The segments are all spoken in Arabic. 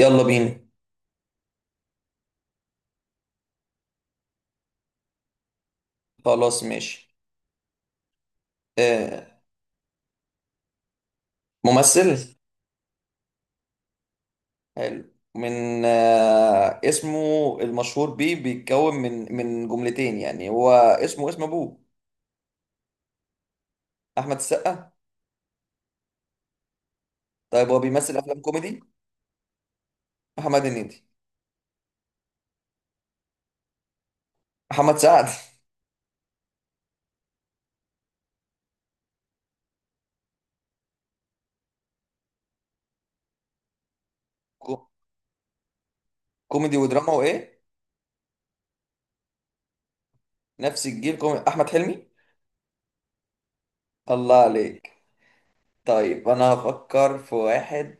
يلا بينا. خلاص ماشي. آه ممثل حلو. من آه اسمه المشهور بيه بيتكون من جملتين، يعني هو اسمه اسم ابوه. احمد السقا؟ طيب هو بيمثل افلام كوميدي؟ محمد هنيدي؟ محمد سعد؟ كو- كوميدي ودراما وايه؟ نفس الجيل كوميدي، احمد حلمي؟ الله عليك. طيب انا هفكر في واحد.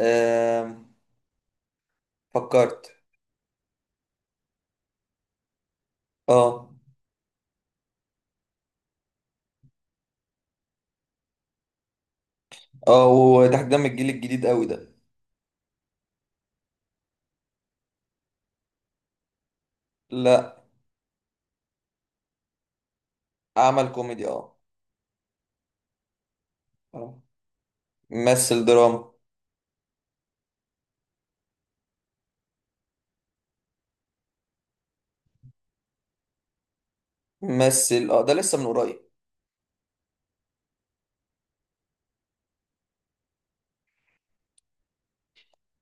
آه، فكرت. اه اه وده، ده من الجيل الجديد قوي ده؟ لا، عمل كوميدي. اه اه، ممثل دراما. ممثل، اه ده لسه من قريب.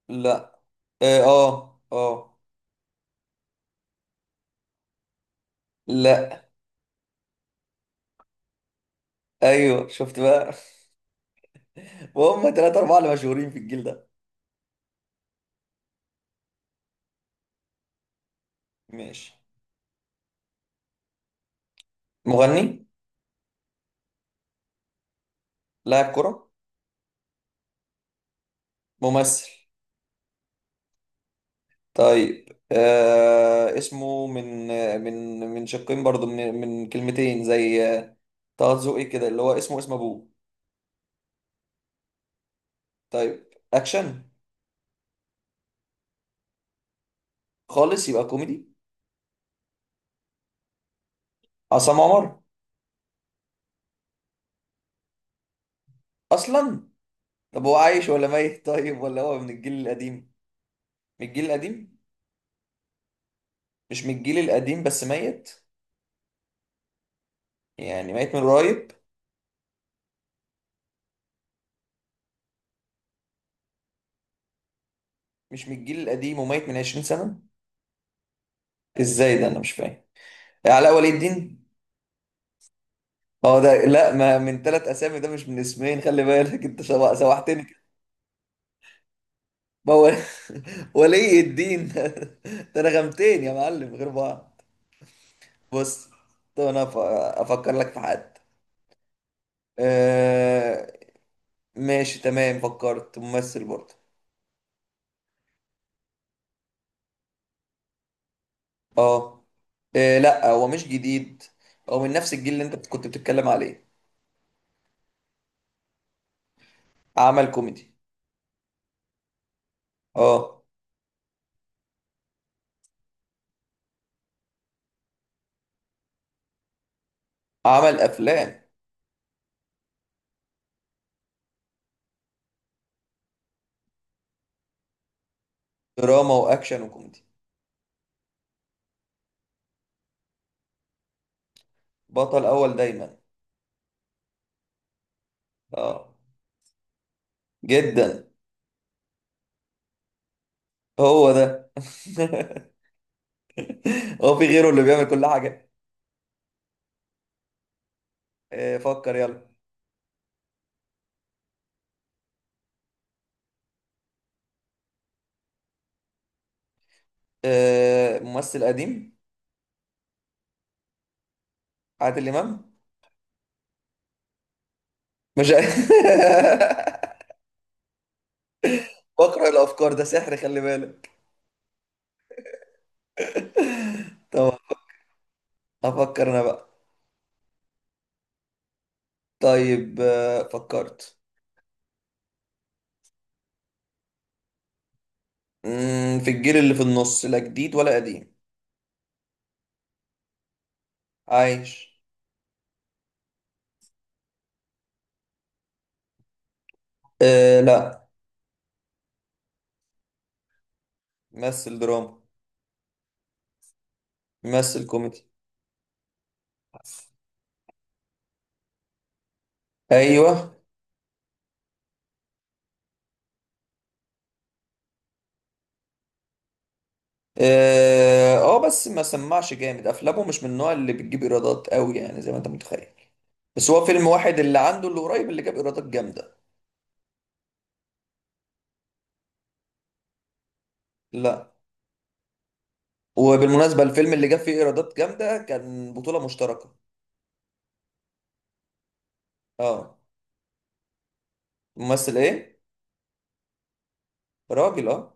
لا. اه. لا. ايوه، شفت بقى؟ وهم تلاتة اربعة اللي مشهورين في الجيل ده. ماشي. مغني؟ لاعب كرة؟ ممثل؟ طيب آه اسمه من من شقين برضو، من كلمتين، زي آه، طه دسوقي كده، اللي هو اسمه اسم ابوه. طيب، اكشن؟ خالص، يبقى كوميدي. عصام عمر؟ اصلا؟ طب هو عايش ولا ميت؟ طيب، ولا هو من الجيل القديم؟ من الجيل القديم؟ مش من الجيل القديم بس ميت؟ يعني ميت من قريب؟ مش من الجيل القديم وميت من 20 سنة؟ ازاي ده؟ انا مش فاهم. علاء ولي الدين؟ اه ده لا، ما من ثلاث اسامي، ده مش من اسمين، خلي بالك انت سوحتني كده. ما هو ولي الدين ده انا غمتين يا معلم غير بعض. بص، طب انا افكر لك في حد. آه. ماشي تمام، فكرت ممثل برضه. اه. إيه؟ لا هو مش جديد. هو من نفس الجيل اللي انت كنت بتتكلم عليه. عمل كوميدي. اه. عمل افلام. دراما واكشن وكوميدي. بطل اول دايما. اه، جدا. هو ده؟ هو في غيره اللي بيعمل كل حاجة؟ إيه، فكر يلا. إيه، ممثل قديم؟ عادل امام. مش بقرا الافكار، ده سحر، خلي بالك. طب افكر انا بقى. طيب آه، فكرت. مم، في الجيل اللي في النص، لا جديد ولا قديم. عايش. آه لا. مثل دراما. مثل كوميدي. ايوه. اه آه، بس ما سمعش جامد، افلامه مش من النوع اللي بتجيب ايرادات قوي، يعني زي ما انت متخيل. بس هو فيلم واحد اللي عنده اللي قريب اللي جاب ايرادات جامده. لا. وبالمناسبه الفيلم اللي جاب فيه ايرادات جامده كان بطوله مشتركه. اه. ممثل ايه؟ راجل، اه.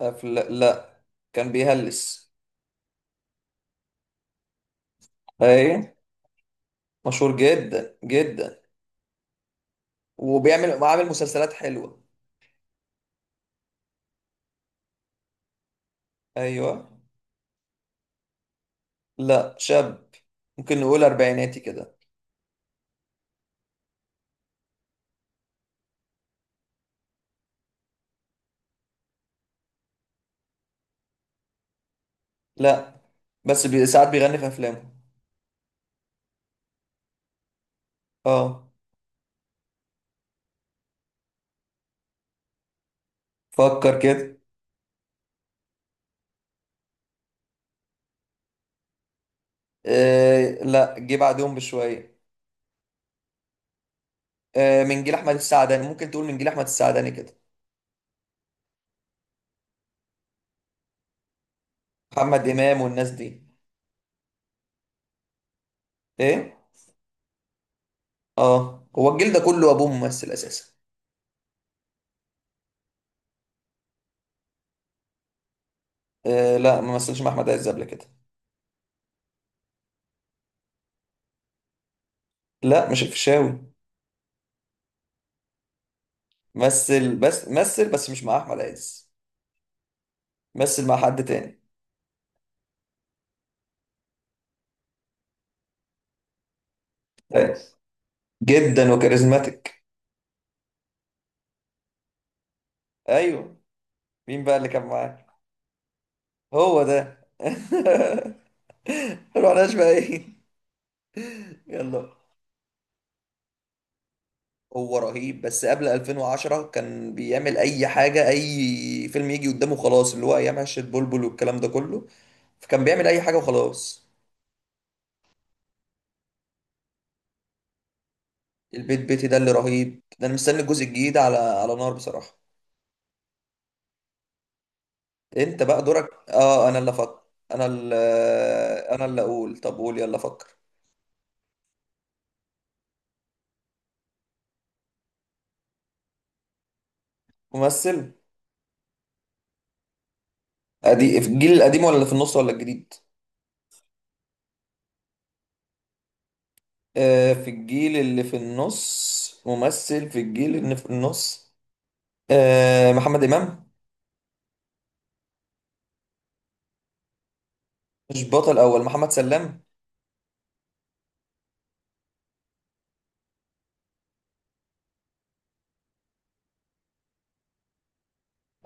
لا، كان بيهلس. ايه، مشهور جدا جدا، وبيعمل وعامل مسلسلات حلوة. ايوه. لا شاب، ممكن نقول اربعيناتي كده. لا، بس ساعات بيغني في افلامه. اه. فكر كده. آه لا، جه بعدهم بشوية. آه من جيل احمد السعداني، ممكن تقول من جيل احمد السعداني كده. محمد امام والناس دي. ايه. اه هو الجيل ده كله ابوه ممثل اساسا. آه لا، ما مثلش مع احمد عز قبل كده. لا مش الفيشاوي. مثل بس، مثل بس مش مع احمد عز. مثل مع حد تاني. أيوة. جدا، وكاريزماتيك. ايوه. مين بقى اللي كان معاك؟ هو ده. رحناش بقى، ايه؟ يلا. هو رهيب، بس قبل 2010 كان بيعمل اي حاجه، اي فيلم يجي قدامه خلاص، اللي هو ايام عشه بلبل والكلام ده كله. فكان بيعمل اي حاجه وخلاص. البيت بيتي ده اللي رهيب ده، انا مستني الجزء الجديد على نار بصراحه. انت بقى دورك، اه انا اللي افكر. انا اللي انا اللي اقول. طب قول، يلا فكر. ممثل. قديم في الجيل القديم ولا اللي في النص ولا الجديد؟ آه، في الجيل اللي في النص؟ ممثل في الجيل اللي في النص. آه، محمد إمام. مش بطل أول، محمد سلام.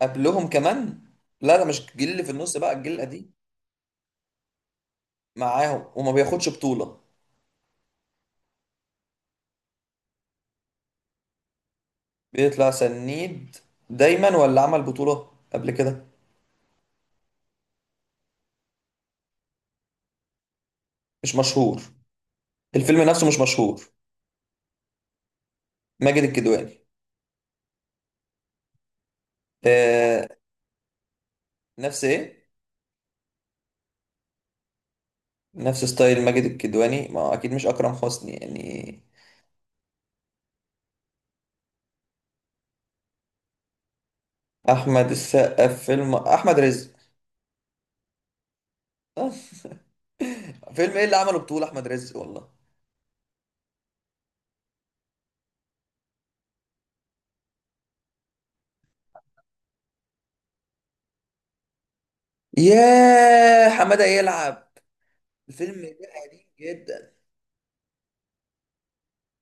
قبلهم كمان؟ لا ده مش الجيل اللي في النص بقى، الجيل القديم. معاهم وما بياخدش بطولة. بيطلع سنيد دايما، ولا عمل بطولة قبل كده؟ مش مشهور. الفيلم نفسه مش مشهور. ماجد الكدواني؟ آه، نفس إيه؟ نفس ستايل ماجد الكدواني، ما هو أكيد مش أكرم حسني يعني. أحمد السقا في فيلم أحمد رزق؟ فيلم ايه اللي عمله بطولة احمد رزق والله؟ ياه، حمادة يلعب؟ الفيلم ده قديم جدا،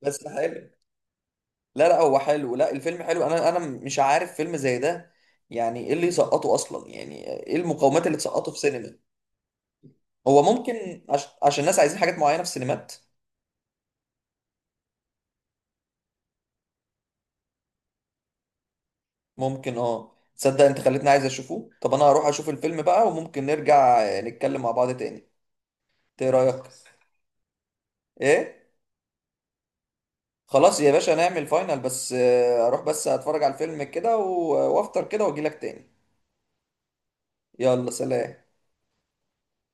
بس حلو. لا لا هو حلو، لا الفيلم حلو، انا مش عارف فيلم زي ده، يعني ايه اللي يسقطه اصلا، يعني ايه المقومات اللي تسقطه في سينما. هو ممكن عشان الناس عايزين حاجات معينة في السينمات. ممكن اه. تصدق انت خليتني عايز اشوفه؟ طب انا هروح اشوف الفيلم بقى، وممكن نرجع نتكلم مع بعض تاني. إنت ايه رأيك؟ ايه؟ خلاص يا باشا نعمل فاينل، بس آه، اروح بس اتفرج على الفيلم كده آه، وافطر كده واجيلك تاني. يلا سلام.